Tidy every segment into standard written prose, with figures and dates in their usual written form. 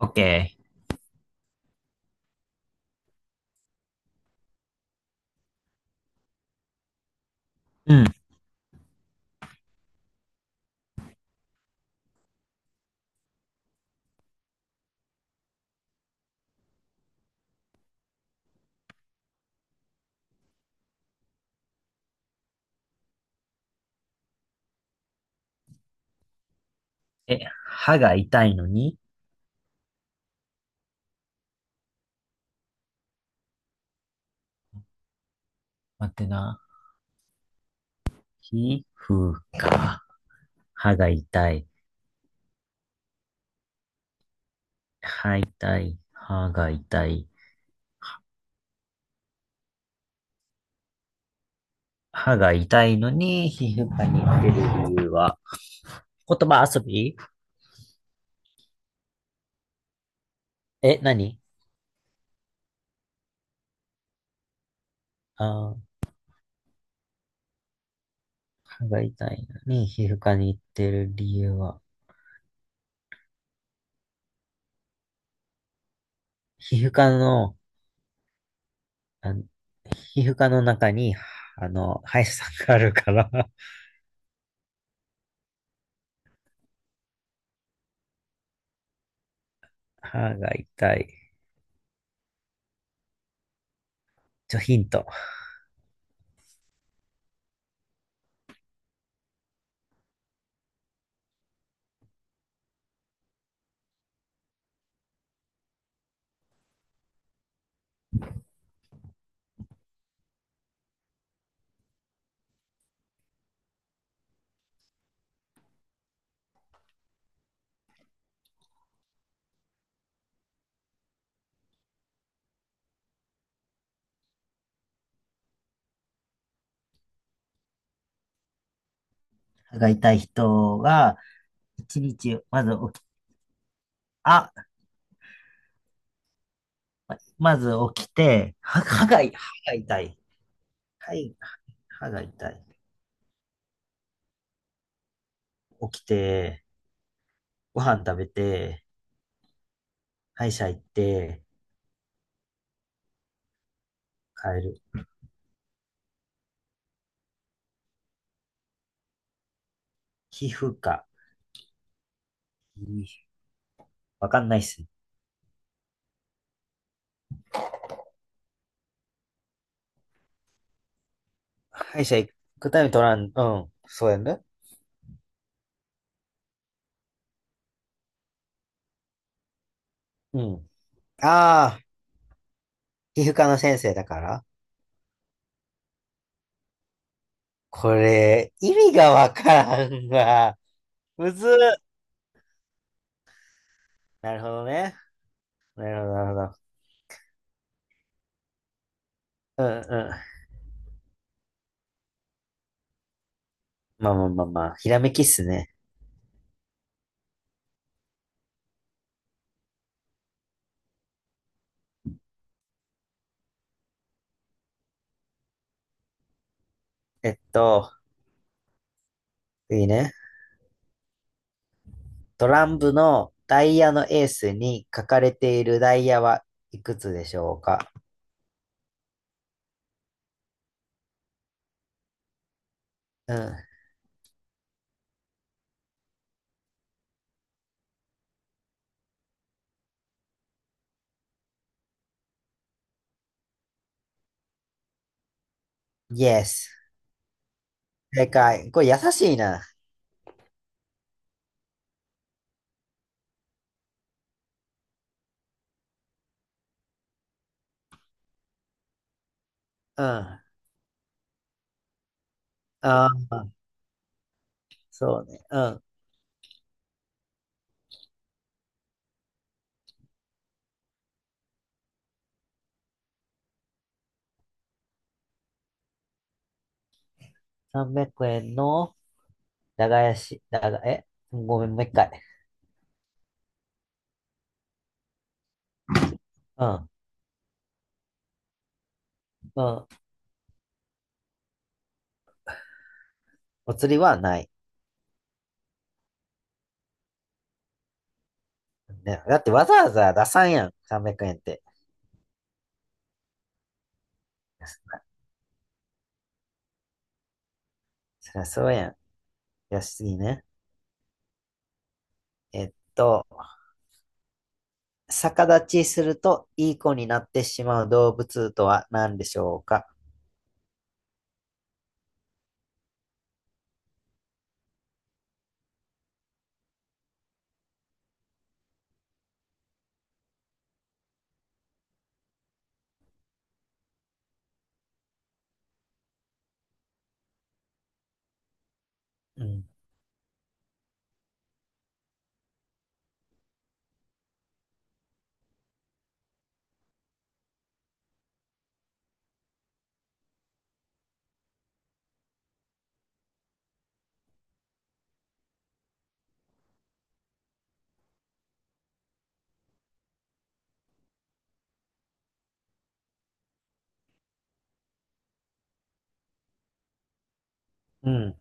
オッケー。うん。え、歯が痛いのに待ってな。皮膚か。歯が痛い。歯痛い。歯が痛い。歯が痛いのに皮膚科に行ってる理由は、言葉遊び。え、何？あー、歯が痛いのに皮膚科に行ってる理由は、皮膚科の、あの皮膚科の中に、歯医者さんがあるから、歯が痛い。ちょ、ヒント。歯が痛い人が、一日、まず起き、あ、まず起きて、は歯が、歯が痛い。はい、歯が痛い。起きて、ご飯食べて、歯医者行って、帰る。皮膚科。皮わかんないっすね。歯医者行くために取らん、うん、そうやね。うん。ああ、皮膚科の先生だから。これ、意味がわからんわ。むずっ。なるほどね。なるほど、なるほど。うん、うん。まあまあまあまあ、ひらめきっすね。えっと、次ね。トランプのダイヤのエースに書かれているダイヤはいくつでしょうか？うん。Yes。正解。これ優しいな。うん。ああ、そうね。うん。300円の長屋し、長、え、ごめん、もう一回。うん。うん。お釣りはない。ね、だってわざわざ出さんやん。300円って。そりゃそうやん。よしいね。えっと、逆立ちするといい子になってしまう動物とは何でしょうか？うん。うん。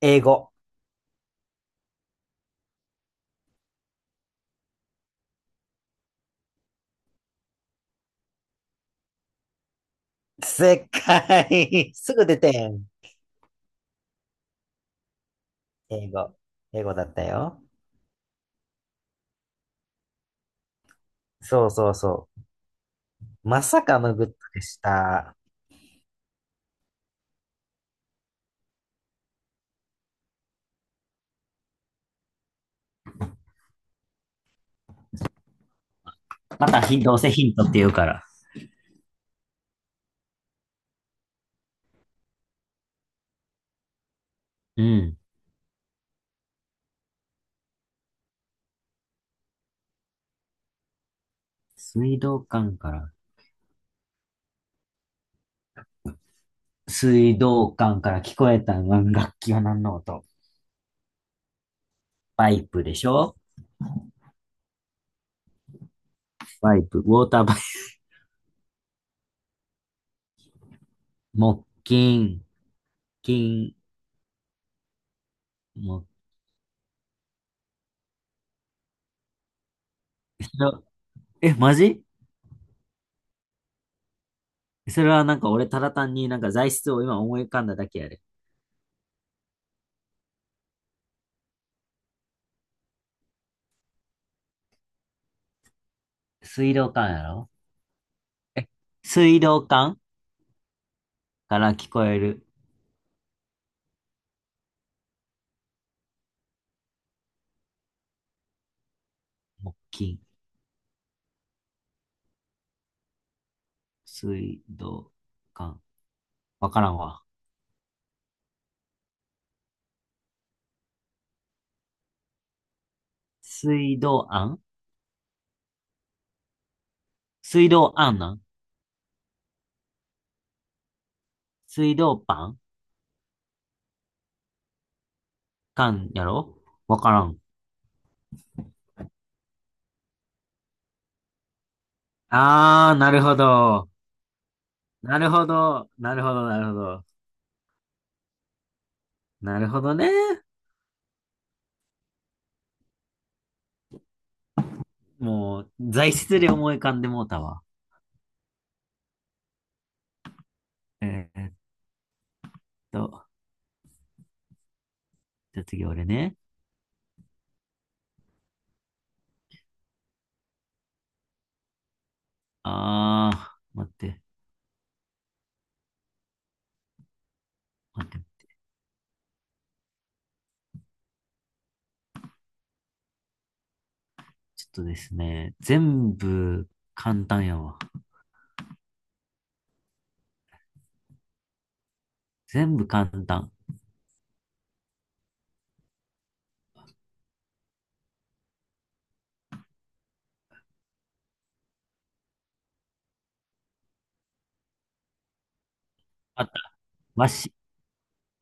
英語。正解。すぐ出てん。英語。英語だったよ。そうそうそう。まさかのグッドでした。またひ、どうせヒントって言うから。うん。水道管から、水道管から聞こえた楽器は何の音？パイプでしょ。パイプ、ウォーターパイプ、木琴、金、木、え、マジ？それはなんか俺ただ単になんか材質を今思い浮かんだだけやで。水道管やろ。え、水道管から聞こえる木琴。水道管。わからんわ。水道案水道案なん水道パン管やろわからん。あー、なるほど。なるほど。なるほど、なるほど。なるほどね。もう、材質で思い浮かんでもうたわ。えーっと、じゃあ次俺ね。あー、待って。待って、ちょっとですね、全部簡単やわ。全部簡単。あった。わし、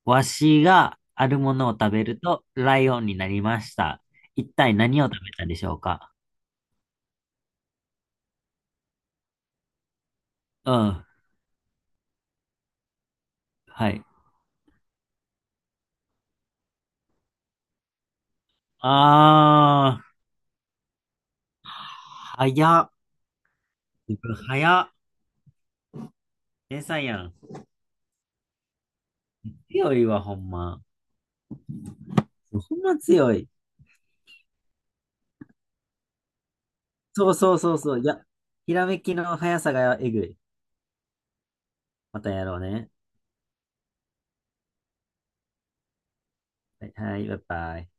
わしがあるものを食べるとライオンになりました。一体何を食べたでしょうか？うん。はい。あー、早っ。自分早っ。天才やん。強いわ、ほんま。ほんま強い。そうそうそうそう。いや、ひらめきの速さがえぐい。またやろうね。はい、はい、バイバイ。